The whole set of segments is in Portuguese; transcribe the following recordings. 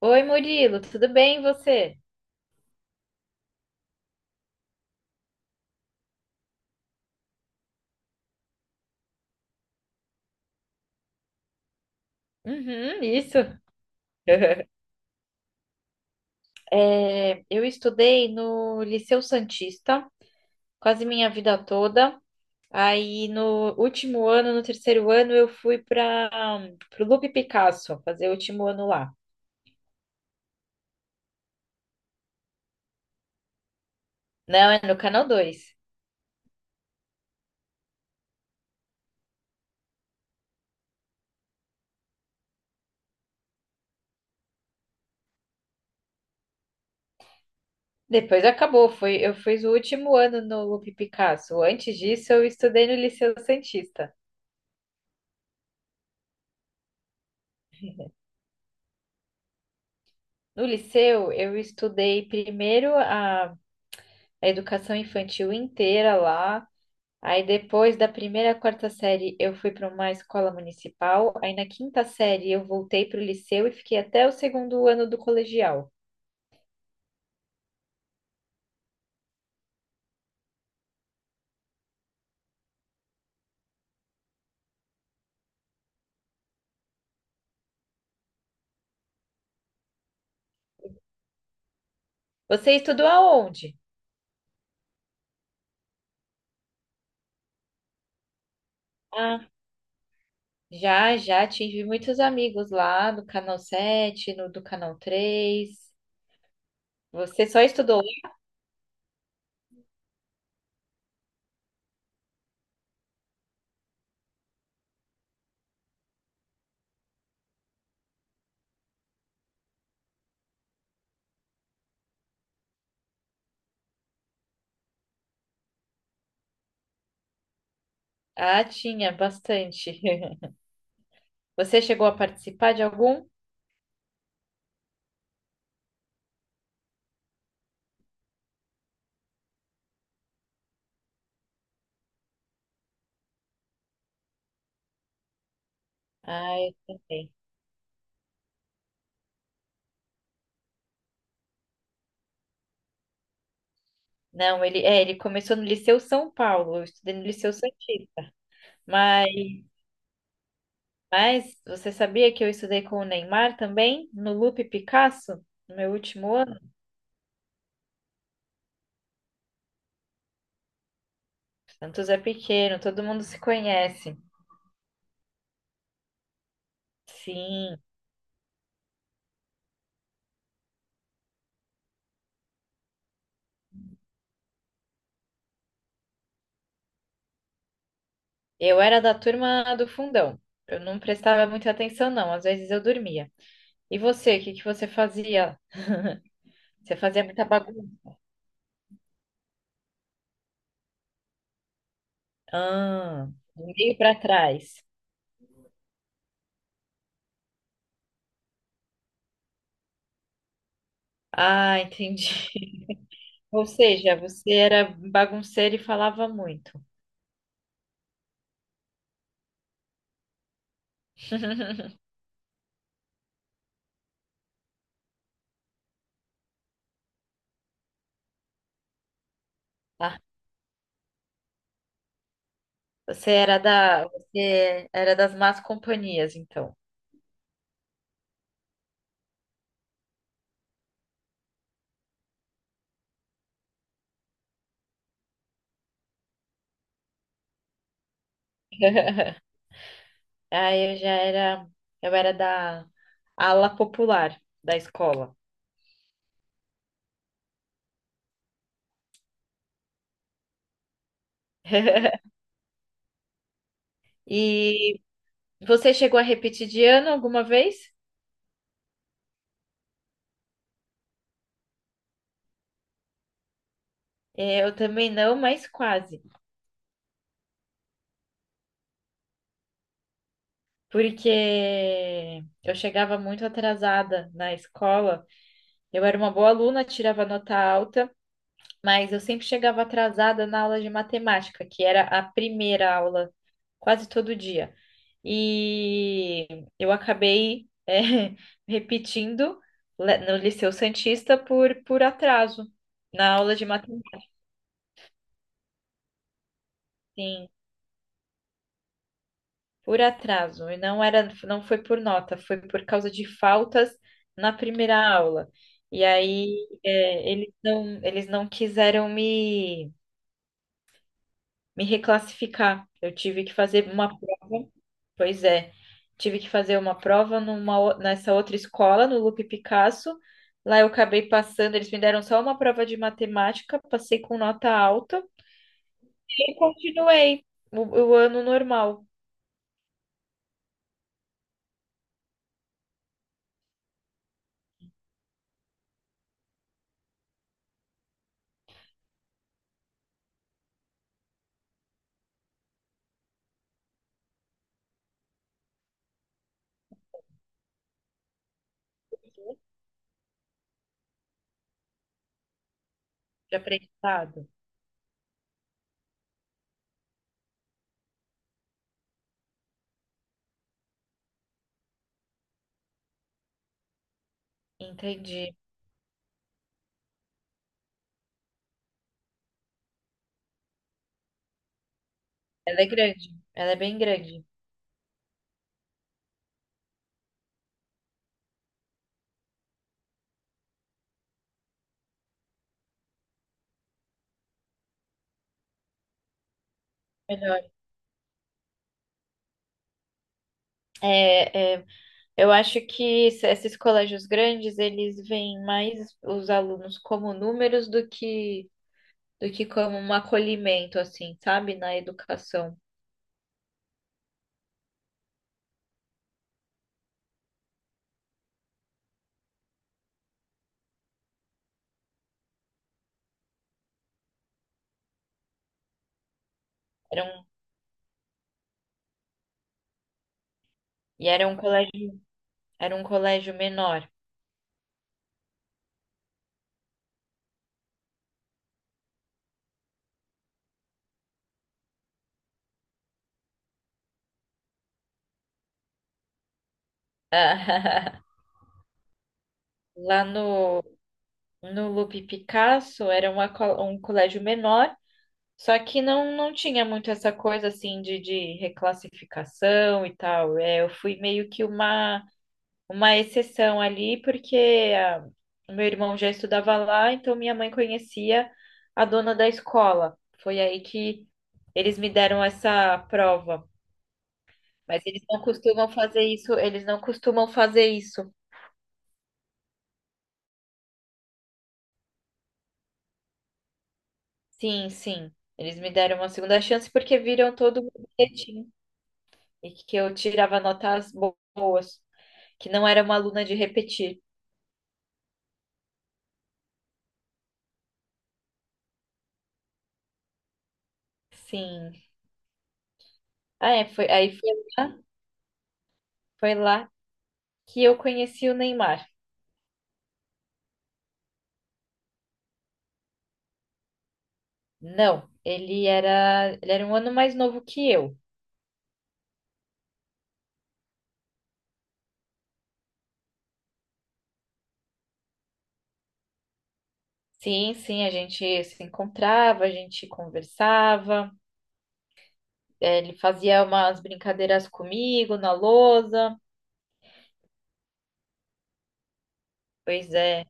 Oi, Murilo, tudo bem e você? Uhum, isso. Eu estudei no Liceu Santista quase minha vida toda. Aí no último ano, no terceiro ano, eu fui para o Lupe Picasso fazer o último ano lá. Não, é no Canal Dois. Depois acabou, foi, eu fiz o último ano no Lupe Picasso. Antes disso, eu estudei no Liceu Santista. No liceu, eu estudei primeiro a educação infantil inteira lá. Aí depois da primeira à quarta série eu fui para uma escola municipal, aí na quinta série eu voltei para o liceu e fiquei até o segundo ano do colegial. Você estudou aonde? Ah, já, já tive muitos amigos lá no Canal Sete, no do Canal Três. Você só estudou? Ah, tinha bastante. Você chegou a participar de algum? Ah, eu também. Não, ele, ele começou no Liceu São Paulo, eu estudei no Liceu Santista. Mas Mas você sabia que eu estudei com o Neymar também, no Lupe Picasso, no meu último ano? Santos é pequeno, todo mundo se conhece. Sim, eu era da turma do fundão. Eu não prestava muita atenção, não. Às vezes eu dormia. E você, o que que você fazia? Você fazia muita bagunça? Ah, meio para trás. Ah, entendi. Ou seja, você era bagunceiro e falava muito. Ah, você era você era das más companhias, então. Aí eu já era, eu era da ala popular da escola. E você chegou a repetir de ano alguma vez? É, eu também não, mas quase. Porque eu chegava muito atrasada na escola. Eu era uma boa aluna, tirava nota alta. Mas eu sempre chegava atrasada na aula de matemática, que era a primeira aula, quase todo dia. E eu acabei, repetindo no Liceu Santista por atraso, na aula de matemática, sim, por atraso. E não era, não foi por nota, foi por causa de faltas na primeira aula. E aí, eles não quiseram me reclassificar. Eu tive que fazer uma prova. Pois é, tive que fazer uma prova numa, nessa outra escola, no Lupe Picasso. Lá eu acabei passando, eles me deram só uma prova de matemática, passei com nota alta e continuei o ano normal de aprendizado. Entendi. Ela é grande, ela é bem grande. Melhor. É, é, eu acho que esses colégios grandes, eles veem mais os alunos como números do que como um acolhimento, assim, sabe? Na educação. E era um colégio, era um colégio menor. Lá no, no Lupe Picasso era um colégio menor, só que não tinha muito essa coisa assim de reclassificação e tal. É, eu fui meio que uma exceção ali, porque o meu irmão já estudava lá, então minha mãe conhecia a dona da escola. Foi aí que eles me deram essa prova. Mas eles não costumam fazer isso, eles não costumam fazer isso. Sim, sim. Eles me deram uma segunda chance porque viram todo o meu bilhetinho e que eu tirava notas boas, que não era uma aluna de repetir. Sim. Ah, é, foi, lá, foi lá que eu conheci o Neymar. Não, ele era um ano mais novo que eu. Sim, sim, a gente se encontrava, a gente conversava, ele fazia umas brincadeiras comigo na lousa. Pois é,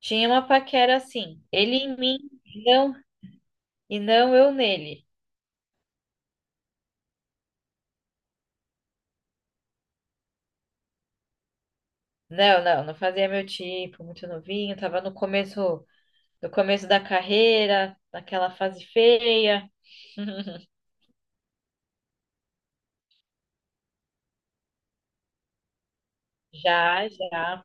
tinha uma paquera assim. Ele em mim não. E não eu nele. Não, não, não fazia meu tipo, muito novinho, tava no começo, no começo da carreira, naquela fase feia. Já, já.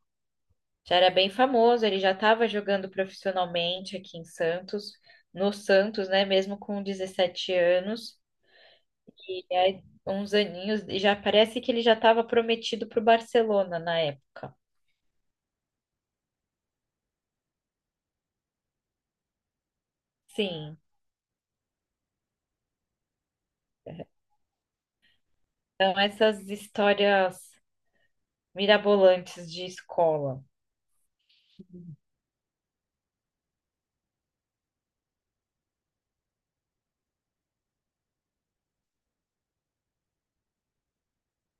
Já era bem famoso, ele já estava jogando profissionalmente aqui em Santos, no Santos, né, mesmo com 17 anos, e aí, uns aninhos, e já parece que ele já estava prometido para o Barcelona na época. Sim, então essas histórias mirabolantes de escola.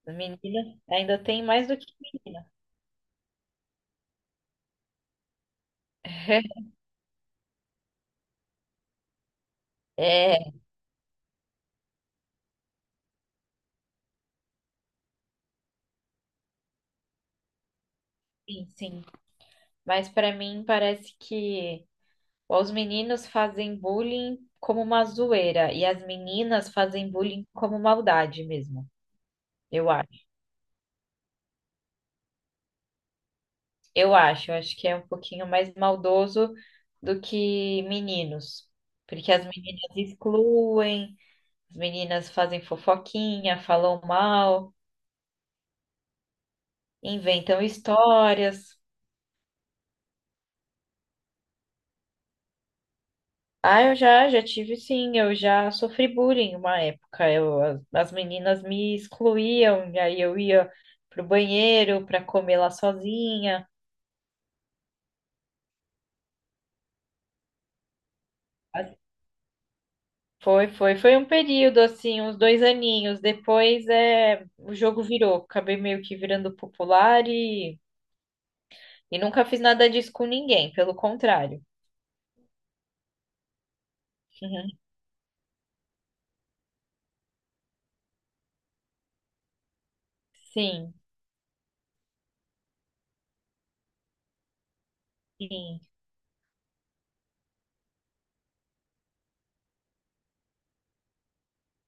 Menina, ainda tem mais do que menina. É, sim, sim. Mas pra mim parece que os meninos fazem bullying como uma zoeira e as meninas fazem bullying como maldade mesmo. Eu acho. Eu acho, eu acho que é um pouquinho mais maldoso do que meninos, porque as meninas excluem, as meninas fazem fofoquinha, falam mal, inventam histórias. Ah, eu já, já tive sim, eu já sofri bullying uma época. As meninas me excluíam, e aí eu ia pro banheiro para comer lá sozinha. As- Foi, foi, foi um período assim, uns dois aninhos. Depois é, o jogo virou, acabei meio que virando popular e nunca fiz nada disso com ninguém, pelo contrário. Sim, sim,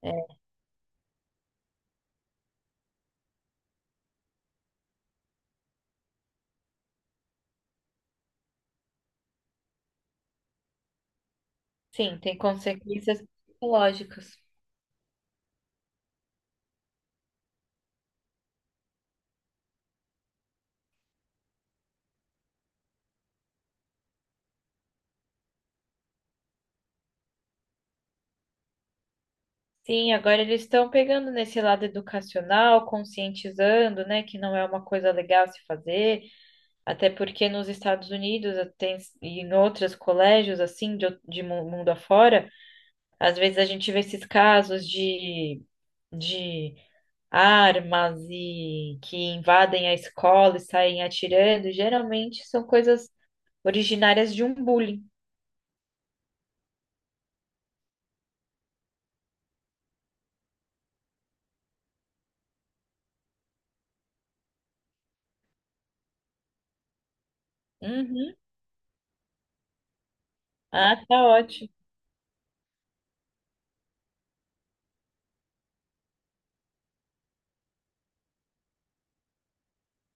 é, sim, tem consequências psicológicas. Sim, agora eles estão pegando nesse lado educacional, conscientizando, né, que não é uma coisa legal se fazer, até porque nos Estados Unidos tem, e em outros colégios, assim, de, mundo afora, às vezes a gente vê esses casos de armas e que invadem a escola e saem atirando, e geralmente são coisas originárias de um bullying. Uhum. Ah, tá ótimo.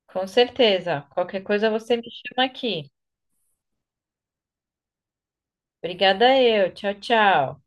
Com certeza. Qualquer coisa você me chama aqui. Obrigada eu. Tchau, tchau.